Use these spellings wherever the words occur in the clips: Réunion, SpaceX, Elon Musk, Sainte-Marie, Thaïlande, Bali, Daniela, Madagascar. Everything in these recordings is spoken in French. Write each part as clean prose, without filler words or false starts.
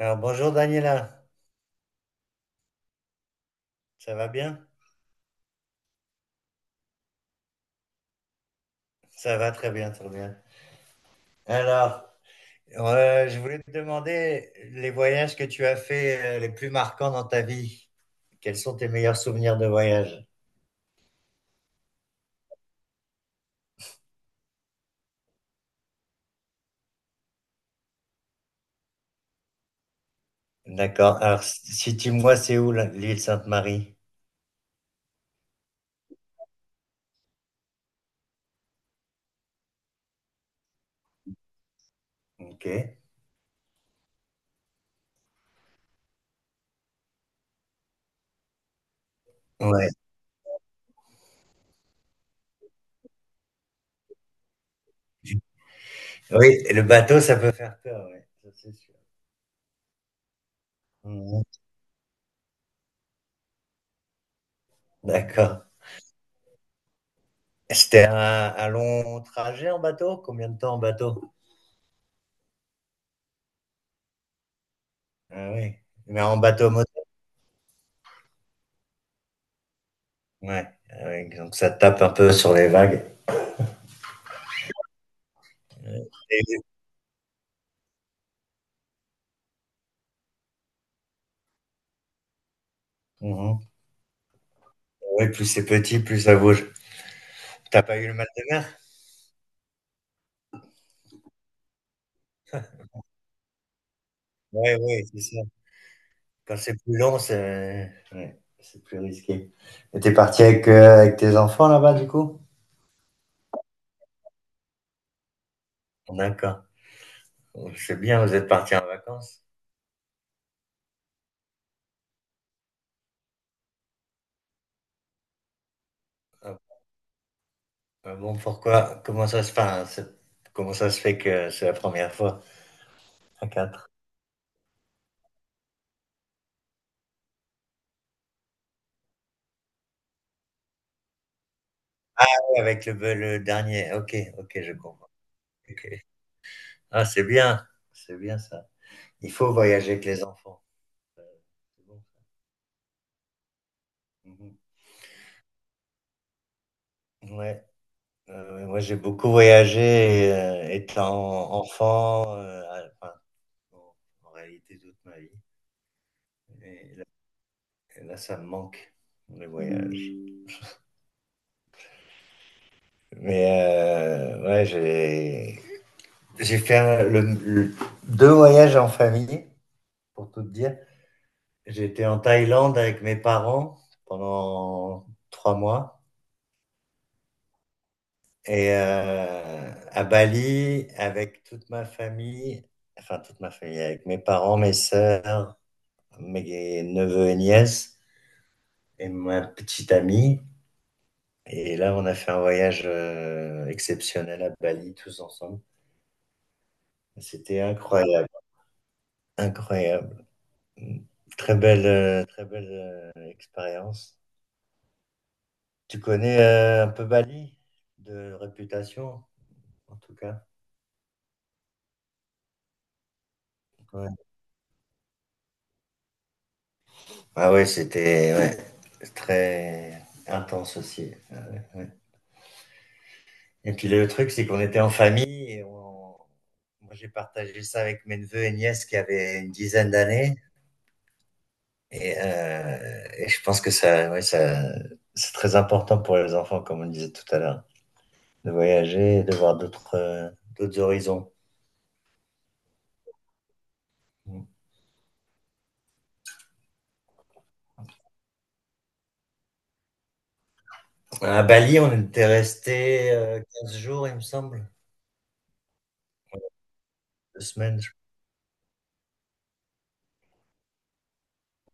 Alors, bonjour Daniela, ça va bien? Ça va très bien, très bien. Alors, je voulais te demander les voyages que tu as faits, les plus marquants dans ta vie. Quels sont tes meilleurs souvenirs de voyage? D'accord. Alors, si tu moi c'est où là l'île Sainte-Marie? Ok. Ouais. Oui, le bateau, ça peut faire peur, oui, ça c'est sûr. Mhm. D'accord. C'était un long trajet en bateau? Combien de temps en bateau? Ah oui. Mais en bateau. Ouais, ah ouais, donc ça tape un peu sur les vagues. Et- Mhm. Ouais, plus c'est petit, plus ça bouge. T'as pas eu le mal de mer? Ouais, ouais, c'est ça. Quand c'est plus long, c'est, ouais, c'est plus risqué. Et t'es parti avec, avec tes enfants là-bas, du coup? D'accord. C'est bien, vous êtes parti en vacances. Ah, ah, bon, pourquoi? Comment ça se passe? Comment ça se fait que c'est la première fois à quatre? Ah, avec le dernier. Ok, ok, je comprends. Ok. Ah, c'est bien ça. Il faut voyager avec les enfants. Euh, C'est bon, ça. Mhm. Ouais. Moi, j'ai beaucoup voyagé, étant enfant, enfin, en en réalité toute ma vie. Et et là, ça me manque, les voyages. Mais ouais, j'ai fait deux voyages en famille, pour tout te dire. J'étais en Thaïlande avec mes parents pendant 3 mois. Et à Bali, avec toute ma famille, enfin toute ma famille, avec mes parents, mes sœurs, mes neveux et nièces, et ma petite amie. Et là, on a fait un voyage, exceptionnel à Bali, tous ensemble. C'était incroyable, incroyable. Très belle expérience. Tu connais, un peu Bali, de réputation, en tout cas. Ouais. Ah ouais, c'était, ouais, très intense aussi. Ah ouais, ouais. Et puis le truc, c'est qu'on était en famille et moi j'ai partagé ça avec mes neveux et nièces qui avaient une dizaine d'années. Et je pense que ça, ouais, ça, c'est très important pour les enfants, comme on disait tout à l'heure, de voyager, et de voir d'autres horizons. À Bali, on était resté, 15 jours, il me semble, 2 semaines. Je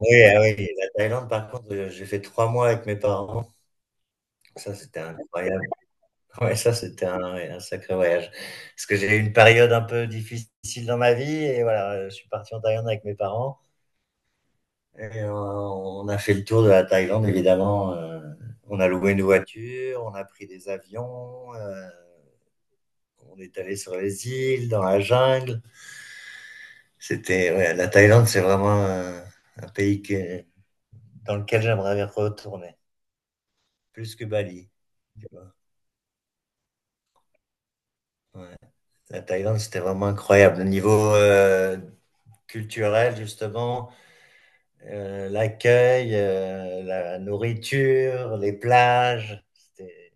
Oui, ah oui, la Thaïlande, par contre, j'ai fait 3 mois avec mes parents. Ça, c'était incroyable. Ouais, ça, c'était un, ouais, un sacré voyage. Parce que j'ai eu une période un peu difficile dans ma vie et voilà, je suis parti en Thaïlande avec mes parents et on a fait le tour de la Thaïlande, évidemment. On a loué une voiture, on a pris des avions, on est allé sur les îles, dans la jungle. C'était, ouais, la Thaïlande, c'est vraiment un, pays dans lequel j'aimerais retourner, plus que Bali, tu vois. La Thaïlande, c'était vraiment incroyable. Au niveau, culturel, justement, l'accueil, la nourriture, les plages. C'était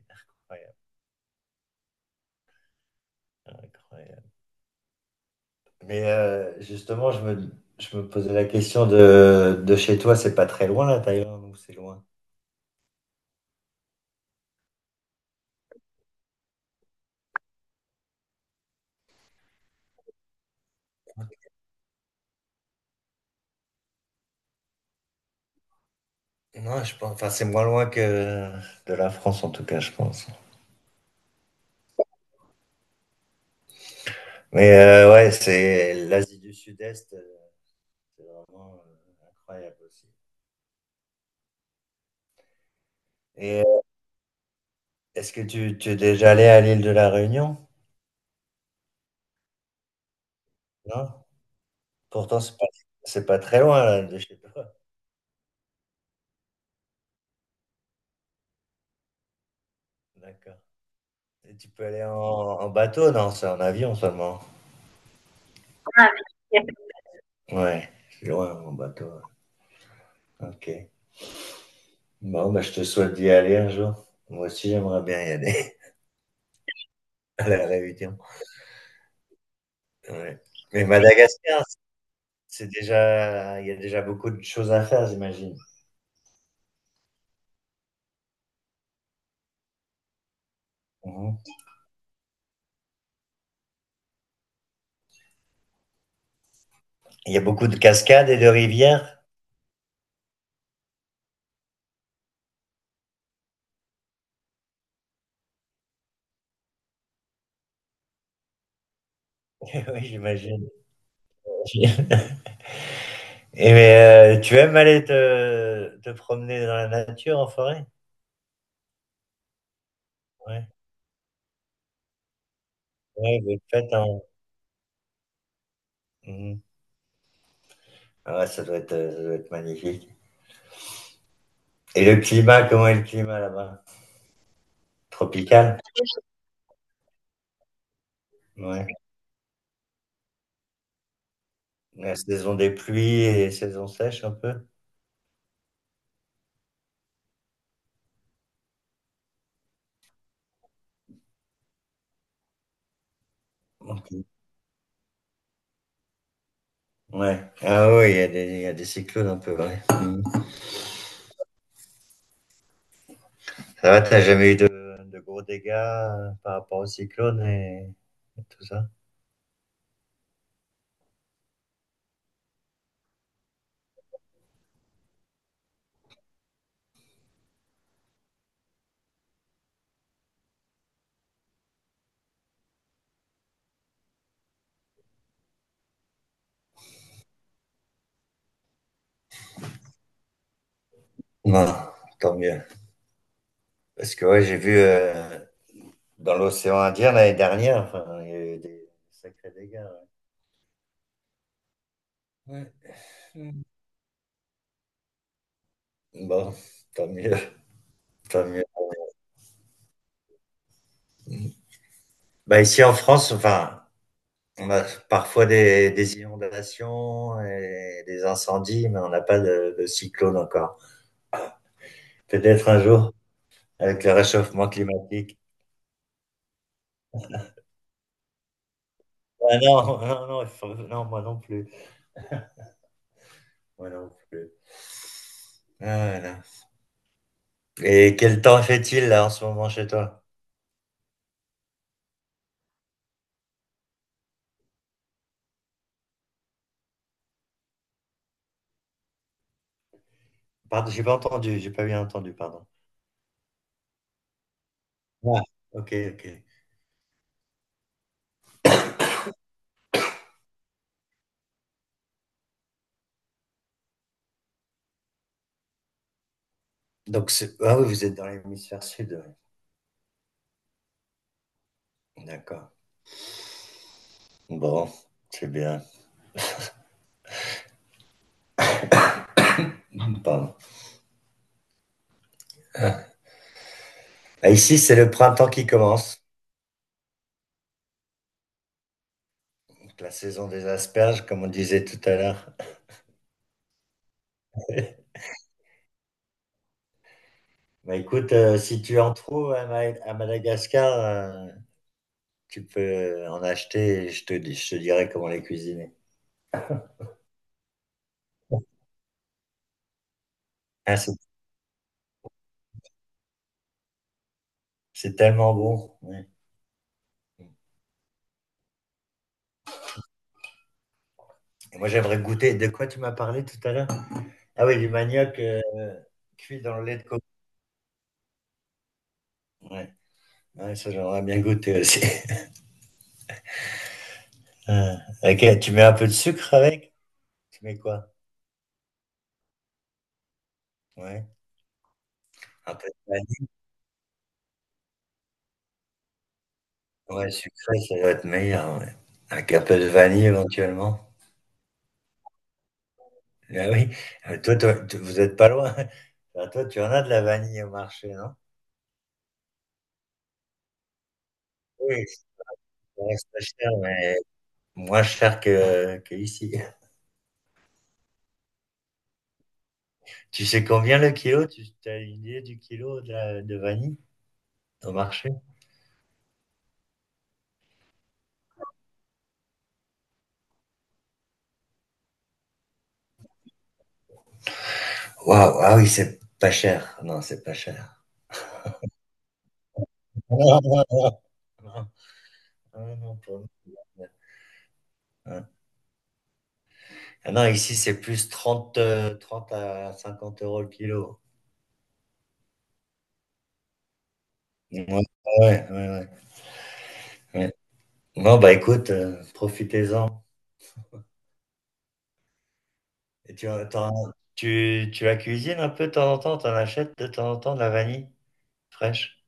incroyable, incroyable. Mais justement, je me posais la question de chez toi, c'est pas très loin la Thaïlande ou c'est loin? Non, je pense, enfin, c'est moins loin que de la France, en tout cas, je pense. Mais ouais, c'est l'Asie du Sud-Est, c'est vraiment incroyable aussi. Et est-ce que tu es déjà allé à l'île de la Réunion? Non? Pourtant, c'est pas très loin là, de chez toi. D'accord. Et tu peux aller en bateau? Non, c'est en avion seulement. Ouais, c'est loin en bateau. Ok. Bon, bah, je te souhaite d'y aller un jour. Moi aussi, j'aimerais bien y aller à la Réunion. Ouais. Mais Madagascar, c'est déjà, il y a déjà beaucoup de choses à faire, j'imagine. Mhm. Il y a beaucoup de cascades et de rivières. Oui, j'imagine. Et mais, tu aimes aller te promener dans la nature, en forêt? Ouais. Ouais, vous le faites Mhm. Ah ouais, ça doit être magnifique. Et le climat, comment est le climat là-bas? Tropical? Ouais. La saison des pluies et saison sèche un peu? Ok. Ouais. Ah oui, il y a des cyclones un peu, ouais. Ça va, t'as jamais eu de gros dégâts, par rapport aux cyclones et tout ça? Non, tant mieux. Parce que ouais, j'ai vu, dans l'océan Indien l'année dernière, enfin, il y a eu des sacrés dégâts. Ouais. Ouais. Mm. Bon, tant mieux, tant mieux. Bah ici en France, enfin, on a parfois des inondations et des incendies, mais on n'a pas de cyclone encore. Peut-être un jour, avec le réchauffement climatique. Ah non, non, non, non, moi non plus. Moi non plus. Ah, voilà. Et quel temps fait-il là en ce moment chez toi? Pardon, j'ai pas entendu, j'ai pas bien entendu, pardon. Ah, ok, ok. Donc, ah oui, vous êtes dans l'hémisphère sud, ouais. D'accord. Bon, c'est bien. Pardon. Ah, ici, c'est le printemps qui commence, donc la saison des asperges, comme on disait tout à l'heure. Bah, écoute, si tu en trouves à Madagascar, tu peux en acheter et je te dirai comment les cuisiner. Ah, c'est tellement bon, ouais. Et moi, j'aimerais goûter. De quoi tu m'as parlé tout à l'heure? Ah oui, du manioc, cuit dans le lait de coco. Ouais. Ouais, ça, j'aimerais bien goûter aussi. Ah, ok, tu mets un peu de sucre avec? Tu mets quoi? Ouais. Un peu. Ouais, sucré, ça doit être meilleur, ouais. Avec un peu de vanille éventuellement. Ah oui, vous êtes pas loin. Enfin, toi, tu en as de la vanille au marché, non? Oui, ça reste pas cher, mais moins cher que ici. Tu sais combien le kilo? Tu as une idée du kilo de vanille au marché? Waouh, ah oui, c'est pas cher. Non, c'est pas cher. Non, non, non, non, non, pour nous, ouais. Ah non, ici, c'est plus 30, 30 à 50 euros le kilo. Ouais, ouais, ouais, ouais, ouais. Non, bah écoute, profitez-en. Et tu la cuisines un peu de temps en temps, t'en achètes de temps en temps de la vanille fraîche.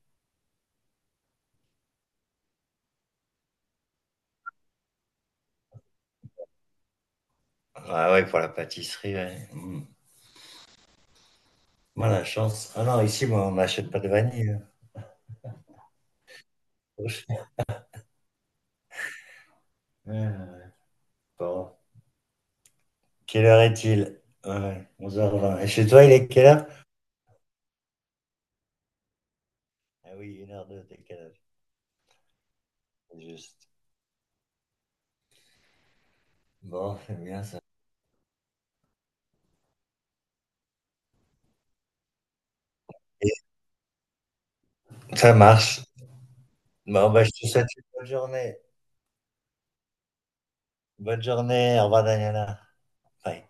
Ah ouais, pour la pâtisserie, ouais. Mm. Moi, la chance. Ah non, ici, moi, on n'achète pas de vanille, hein. Au ch- Ouais, ouais, ouais. Bon. Quelle heure est-il? Ouais, 11h20. Et chez toi, il est quelle heure? Ah oui, une heure 02 décalage. C'est juste. Bon, c'est bien ça. Ça marche. Bon, bah, je te souhaite une bonne journée. Bonne journée. Au revoir, Daniela. Bye.